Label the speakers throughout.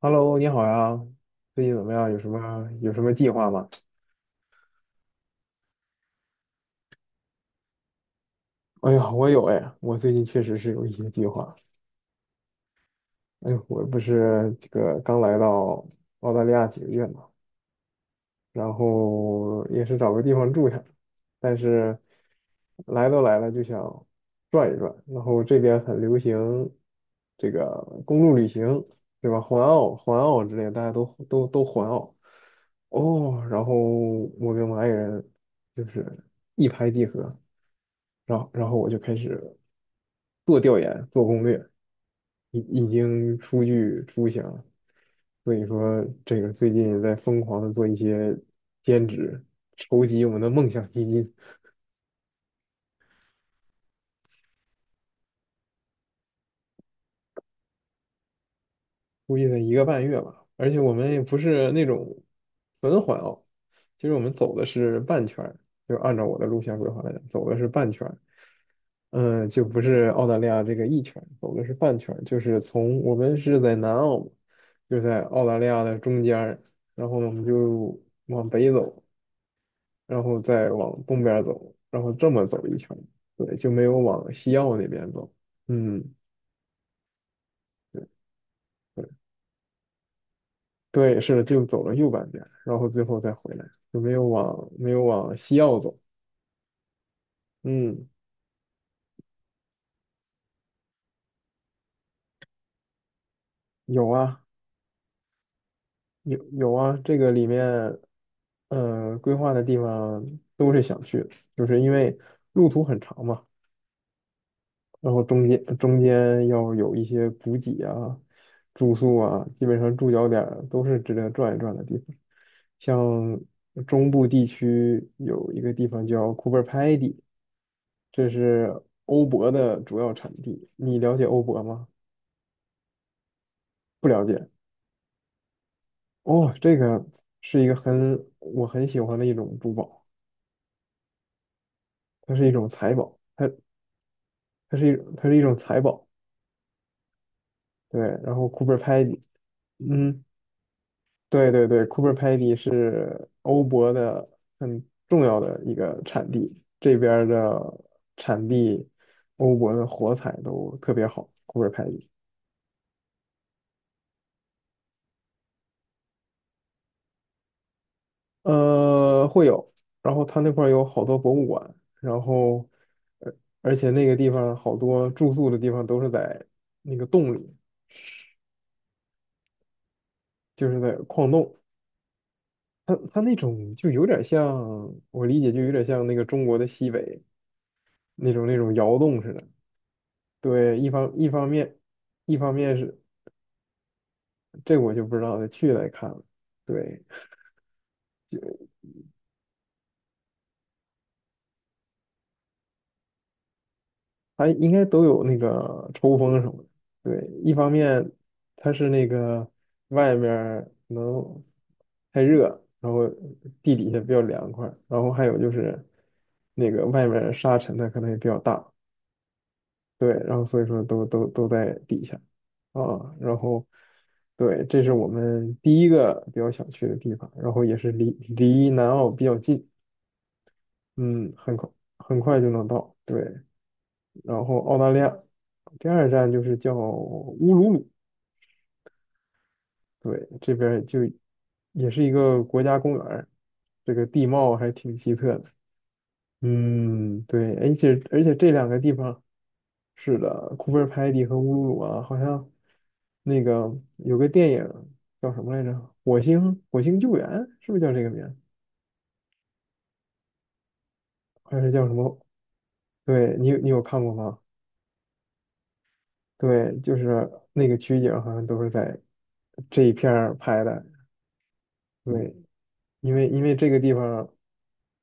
Speaker 1: Hello，你好呀，最近怎么样？有什么计划吗？哎呀，我有哎，我最近确实是有一些计划。哎呦，我不是这个刚来到澳大利亚几个月嘛，然后也是找个地方住下，但是来都来了就想转一转。然后这边很流行这个公路旅行，对吧？环澳之类的，大家都环澳哦。然后我跟我爱人就是一拍即合。然后我就开始做调研、做攻略，已经初具雏形了。所以说，这个最近也在疯狂的做一些兼职，筹集我们的梦想基金，估计得一个半月吧。而且我们也不是那种纯环哦，其实我们走的是半圈儿，就按照我的路线规划来讲，走的是半圈。嗯，就不是澳大利亚这个一圈，走的是半圈儿，就是从，我们是在南澳嘛，就在澳大利亚的中间儿。然后我们就往北走，然后再往东边儿走，然后这么走一圈儿。对，就没有往西澳那边走，嗯，对，对对，是的，就走了右半边儿然后最后再回来，就没有往西澳走，嗯，有啊。有啊，这个里面，规划的地方都是想去的，就是因为路途很长嘛，然后中间要有一些补给啊、住宿啊，基本上住脚点儿都是值得转一转的地方。像中部地区有一个地方叫库珀拍迪，这是欧泊的主要产地。你了解欧泊吗？不了解。哦，这个是一个我很喜欢的一种珠宝。它是一种财宝，它是一种财宝，对。然后 Cooper Pedy，嗯，对对对，Cooper Pedy 是欧泊的很重要的一个产地，这边儿的产地，欧泊的火彩都特别好，Cooper Pedy，呃，会有。然后它那块儿有好多博物馆，然后，而且那个地方好多住宿的地方都是在那个洞里，就是在矿洞。它那种就有点像，我理解就有点像那个中国的西北那种窑洞似的。对，一方面，一方面是这我就不知道，得去来看了。对，它应该都有那个抽风什么的。对，一方面它是那个外面儿可能太热，然后地底下比较凉快，然后还有就是那个外面儿沙尘它可能也比较大，对，然后所以说都在底下啊，然后对，这是我们第一个比较想去的地方，然后也是离南澳比较近，嗯，很快很快就能到，对。然后澳大利亚第二站就是叫乌鲁鲁，对，这边儿就也是一个国家公园儿，这个地貌还挺奇特的，嗯，对，而且这两个地方。是的，库贝尔派蒂和乌鲁鲁啊，好像那个有个电影叫什么来着？火星救援是不是叫这个名儿？还是叫什么？对，你有看过吗？对，就是那个取景好像都是在这一片儿拍的。对，因为这个地方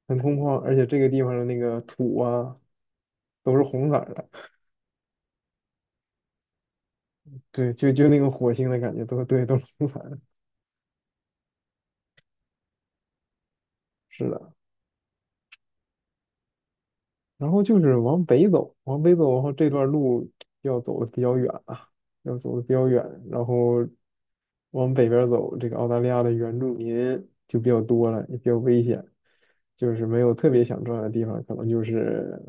Speaker 1: 很空旷，而且这个地方的那个土啊都是红色儿的。对，就那个火星的感觉都对，都是红色儿的。是的。然后就是往北走，往北走，然后这段路要走的比较远啊，要走的比较远，然后往北边走，这个澳大利亚的原住民就比较多了，也比较危险，就是没有特别想转的地方，可能就是，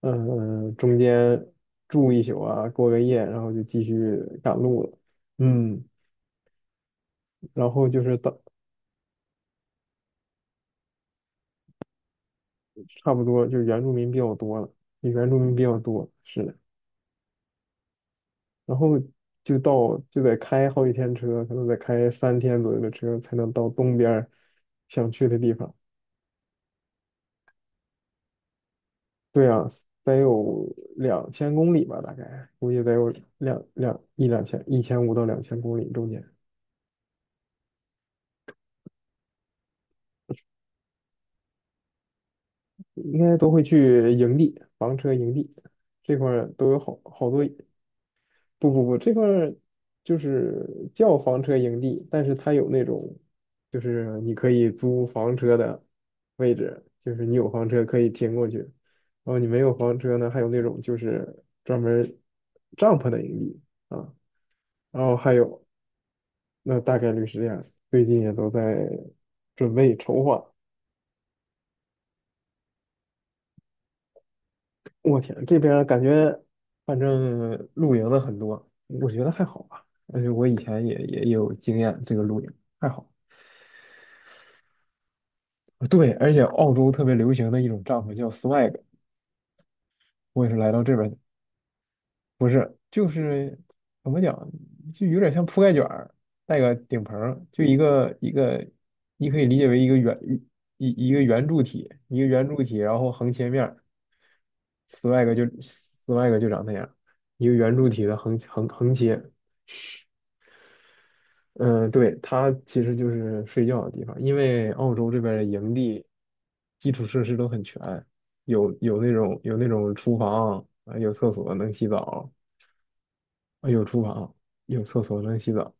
Speaker 1: 中间住一宿啊，过个夜，然后就继续赶路了，嗯，然后就是到差不多就是原住民比较多了，原住民比较多，是的。然后就到就得开好几天车，可能得开3天左右的车才能到东边儿想去的地方。对啊，得有2000公里吧，大概估计得有两两一两千1500到2000公里中间，应该都会去营地，房车营地这块儿都有好多，不不不，这块儿就是叫房车营地，但是它有那种，就是你可以租房车的位置，就是你有房车可以停过去，然后你没有房车呢，还有那种就是专门帐篷的营地啊，然后还有，那大概率是这样，最近也都在准备筹划。我天，这边儿感觉反正露营的很多，我觉得还好吧，而且我以前也有经验，这个露营还好。对，而且澳洲特别流行的一种帐篷叫 swag，我也是来到这边的，不是，就是怎么讲，就有点像铺盖卷儿，带个顶棚儿，就一个一个，你可以理解为一个圆柱体，一个圆柱体，然后横切面儿，swag 就长那样，一个圆柱体的横切，嗯，对，它其实就是睡觉的地方，因为澳洲这边的营地基础设施都很全，有那种厨房啊，有厕所能洗澡啊，有厨房，有厕所能洗澡，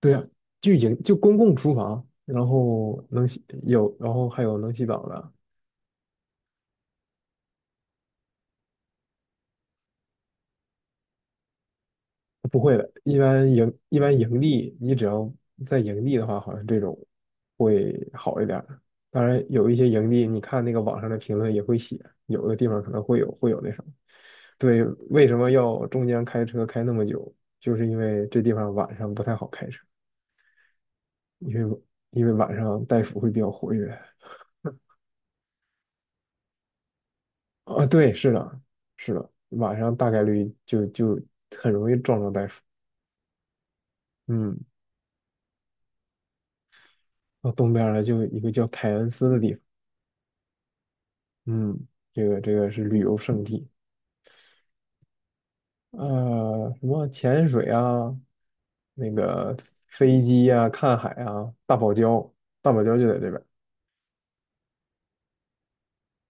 Speaker 1: 对啊，就公共厨房，然后能洗有，然后还有能洗澡的，不会的，一般盈利，你只要在盈利的话，好像这种会好一点儿。当然，有一些盈利，你看那个网上的评论也会写，有的地方可能会有那什么。对，为什么要中间开车开那么久？就是因为这地方晚上不太好开车，因为因为晚上袋鼠会比较活跃。啊，对，是的，是的，晚上大概率就很容易撞上袋鼠。嗯，到东边儿了，就有一个叫凯恩斯的地方。嗯，这个是旅游胜地，呃，什么潜水啊，那个飞机啊，看海啊，大堡礁，大堡礁就在这边儿，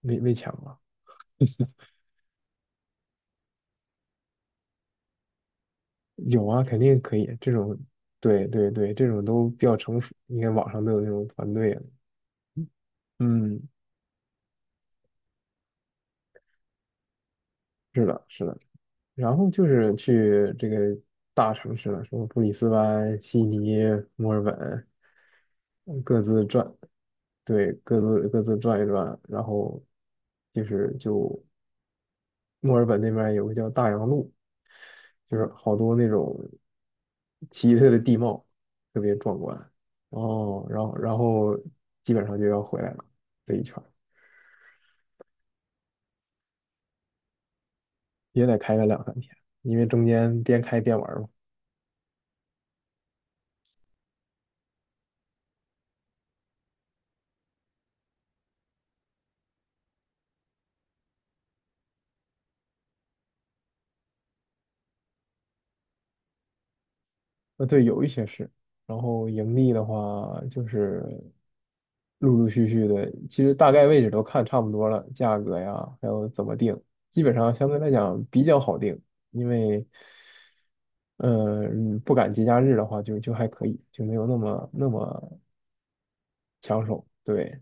Speaker 1: 没抢啊，有啊，肯定可以，这种，对对对，这种都比较成熟，你看网上都有那种团队啊，嗯，是的，是的，然后就是去这个大城市了，什么布里斯班、悉尼、墨尔本，嗯各自转，对，各自转一转，然后就墨尔本那边有个叫大洋路，就是好多那种奇特的地貌，特别壮观。哦，然后基本上就要回来了，这一圈儿也得开个2、3天，因为中间边开边玩儿嘛。对，有一些是，然后盈利的话就是陆陆续续的，其实大概位置都看差不多了，价格呀，还有怎么定，基本上相对来讲比较好定，因为，不赶节假日的话就还可以，就没有那么那么抢手，对，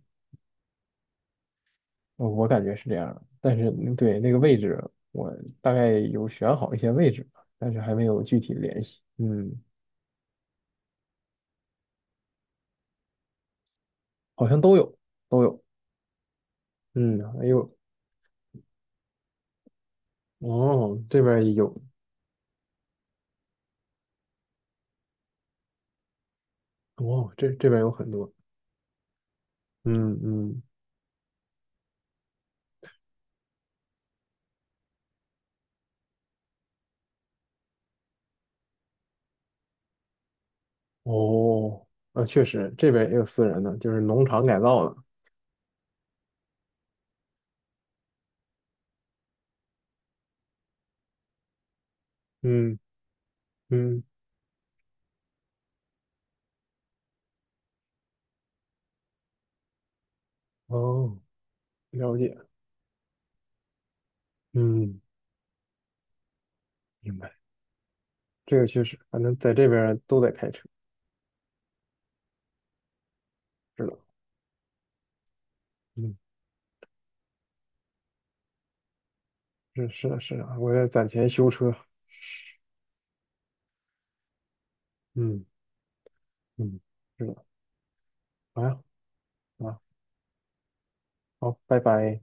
Speaker 1: 我感觉是这样的，但是对那个位置，我大概有选好一些位置，但是还没有具体联系，嗯，好像都有都有。嗯，还有哦，这边儿也有，哦，这边儿有很多，嗯嗯，哦，啊，确实，这边儿也有私人的，就是农场改造的，嗯嗯，哦，了解，嗯，明白，这个确实，反正在这边儿都得开车，是的，嗯，是的，是的，我在攒钱修车，嗯嗯，是的，好呀，啊，好，拜拜。